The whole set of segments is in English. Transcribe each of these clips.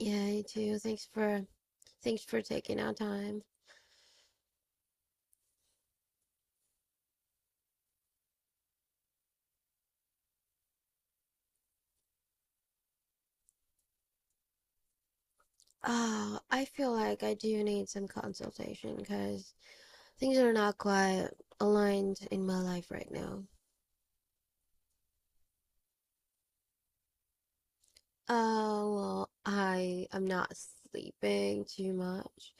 Yeah, you too. Thanks for taking our time. I feel like I do need some consultation because things are not quite aligned in my life right now. Uh, well, I am not sleeping too much,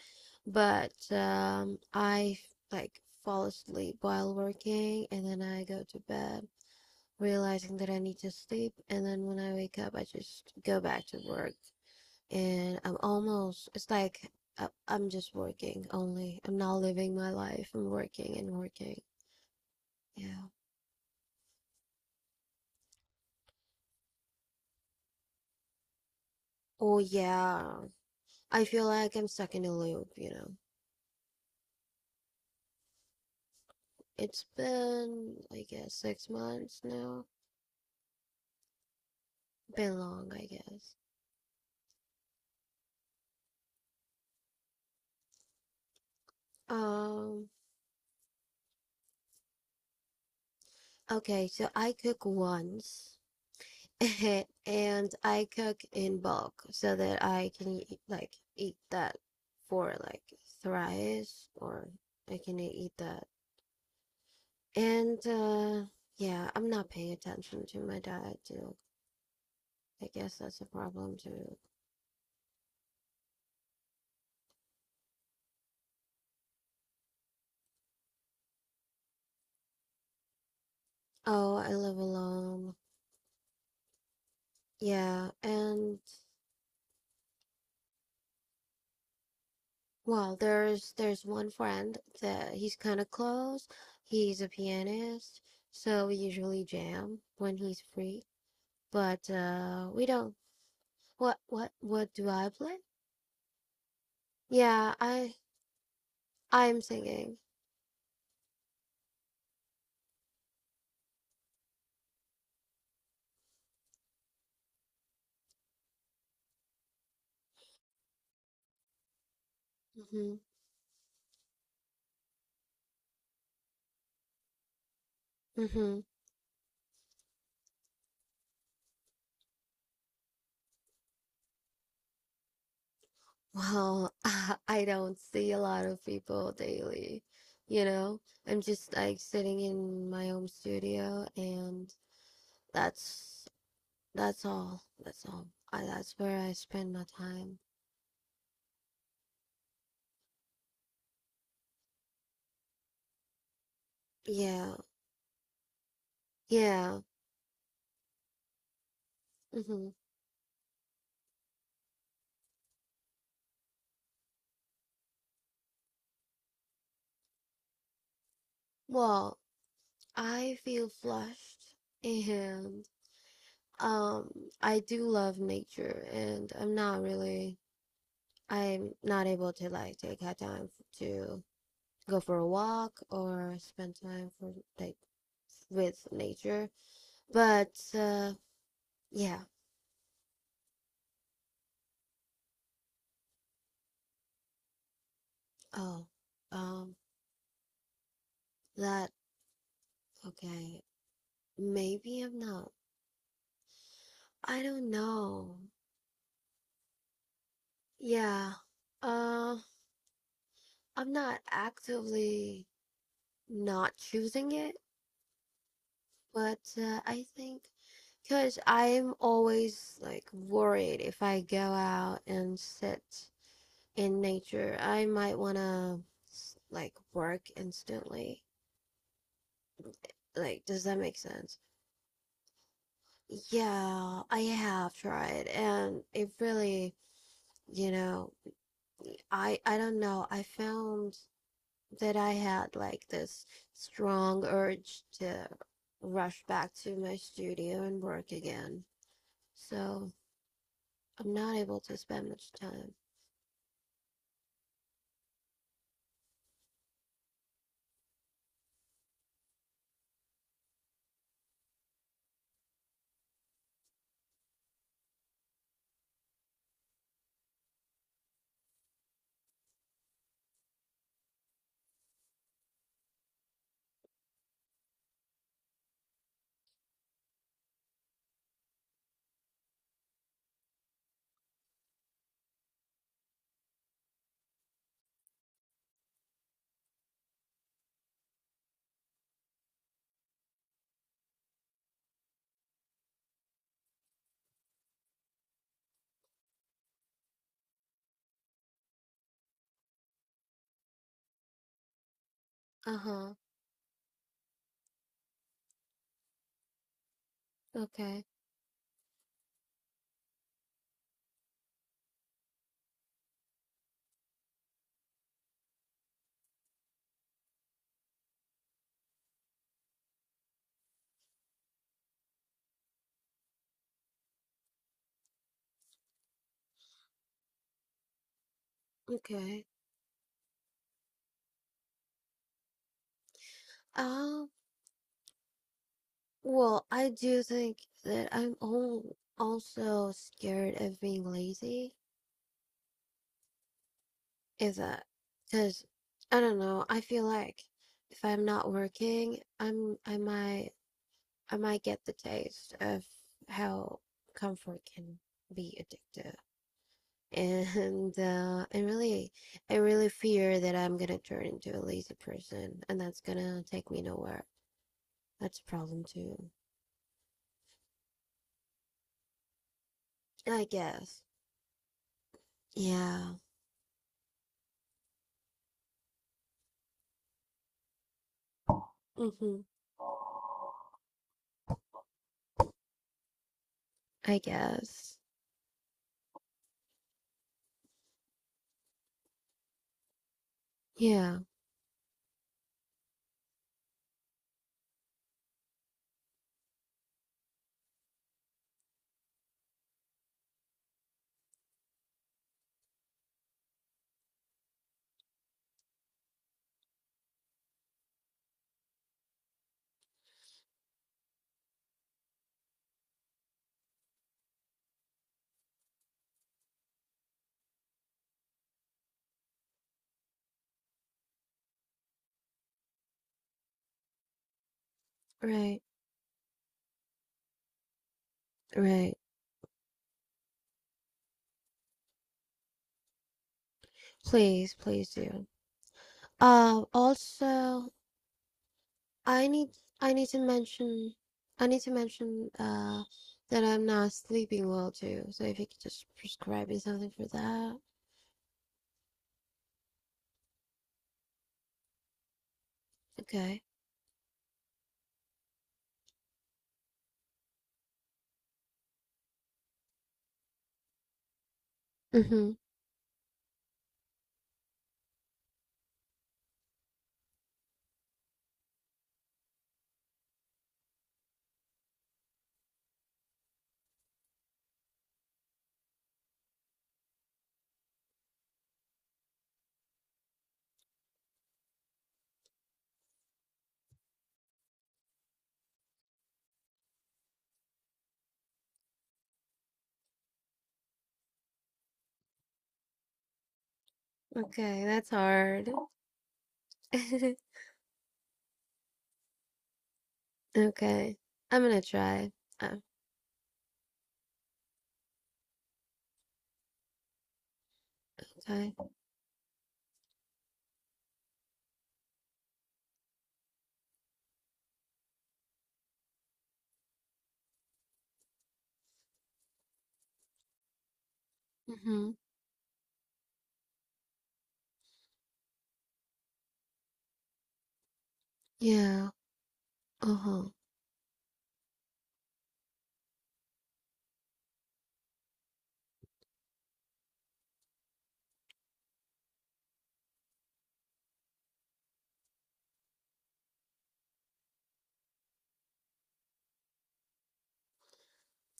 but I like fall asleep while working, and then I go to bed, realizing that I need to sleep, and then when I wake up, I just go back to work. And I'm almost, it's like I'm just working only. I'm not living my life. I'm working and working. Yeah. Oh, yeah. I feel like I'm stuck in a loop. It's been, I guess, six months now. Been long, I guess. Um, okay, so I cook once and I cook in bulk so that I can eat, like eat that for like thrice, or I can eat that. And yeah, I'm not paying attention to my diet too. I guess that's a problem too. Oh, I live alone. Yeah. And well, there's one friend that he's kind of close. He's a pianist, so we usually jam when he's free. But we don't. What do I play? Yeah, I'm singing. Mm-hmm. Mm-hmm. Well, I don't see a lot of people daily. You know, I'm just like sitting in my home studio, and that's that's all. That's all. I, that's where I spend my time. Yeah. Yeah. Hmm. Well, I feel flushed, and um I do love nature, and I'm not really, I'm not able to like take out time to go for a walk or spend time for like with nature. But uh, yeah, oh, um, that okay. Maybe I'm not. I don't know. Yeah, uh, I'm not actively not choosing it, but I think because I'm always like worried if I go out and sit in nature, I might want to like work instantly. Like, does that make sense? Yeah, I have tried, and it really, you know, I don't know. I found that I had like this strong urge to rush back to my studio and work again. So I'm not able to spend much time. Uh-huh. Okay. Okay. Um, Well, I do think that also scared of being lazy. Is that because I don't know, I feel like if I'm not working, I might I might get the taste of how comfort can be addictive. And I really fear that I'm gonna turn into a lazy person, and that's gonna take me nowhere. That's a problem too. I guess. Yeah. Mm-hmm. I guess. Yeah, right, right. Please, please do. Uh, also, I need I need to mention I need to mention that I'm not sleeping well too. So if you could just prescribe me something for that. Okay. Mm-hmm. Okay, that's hard. Okay. I'm gonna try. Uh, okay. Mm-hmm. Yeah. Uh-huh.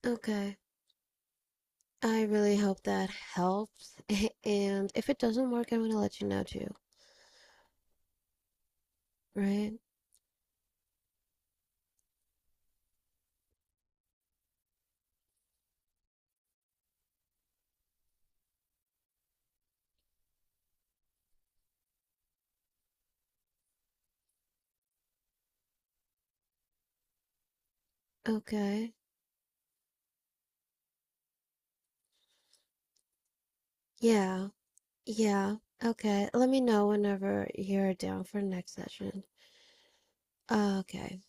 Okay. I really hope that helps. And if it doesn't work, I'm gonna let you know too, right? Okay. Yeah. Yeah. Okay. Let me know whenever you're down for next session. Okay.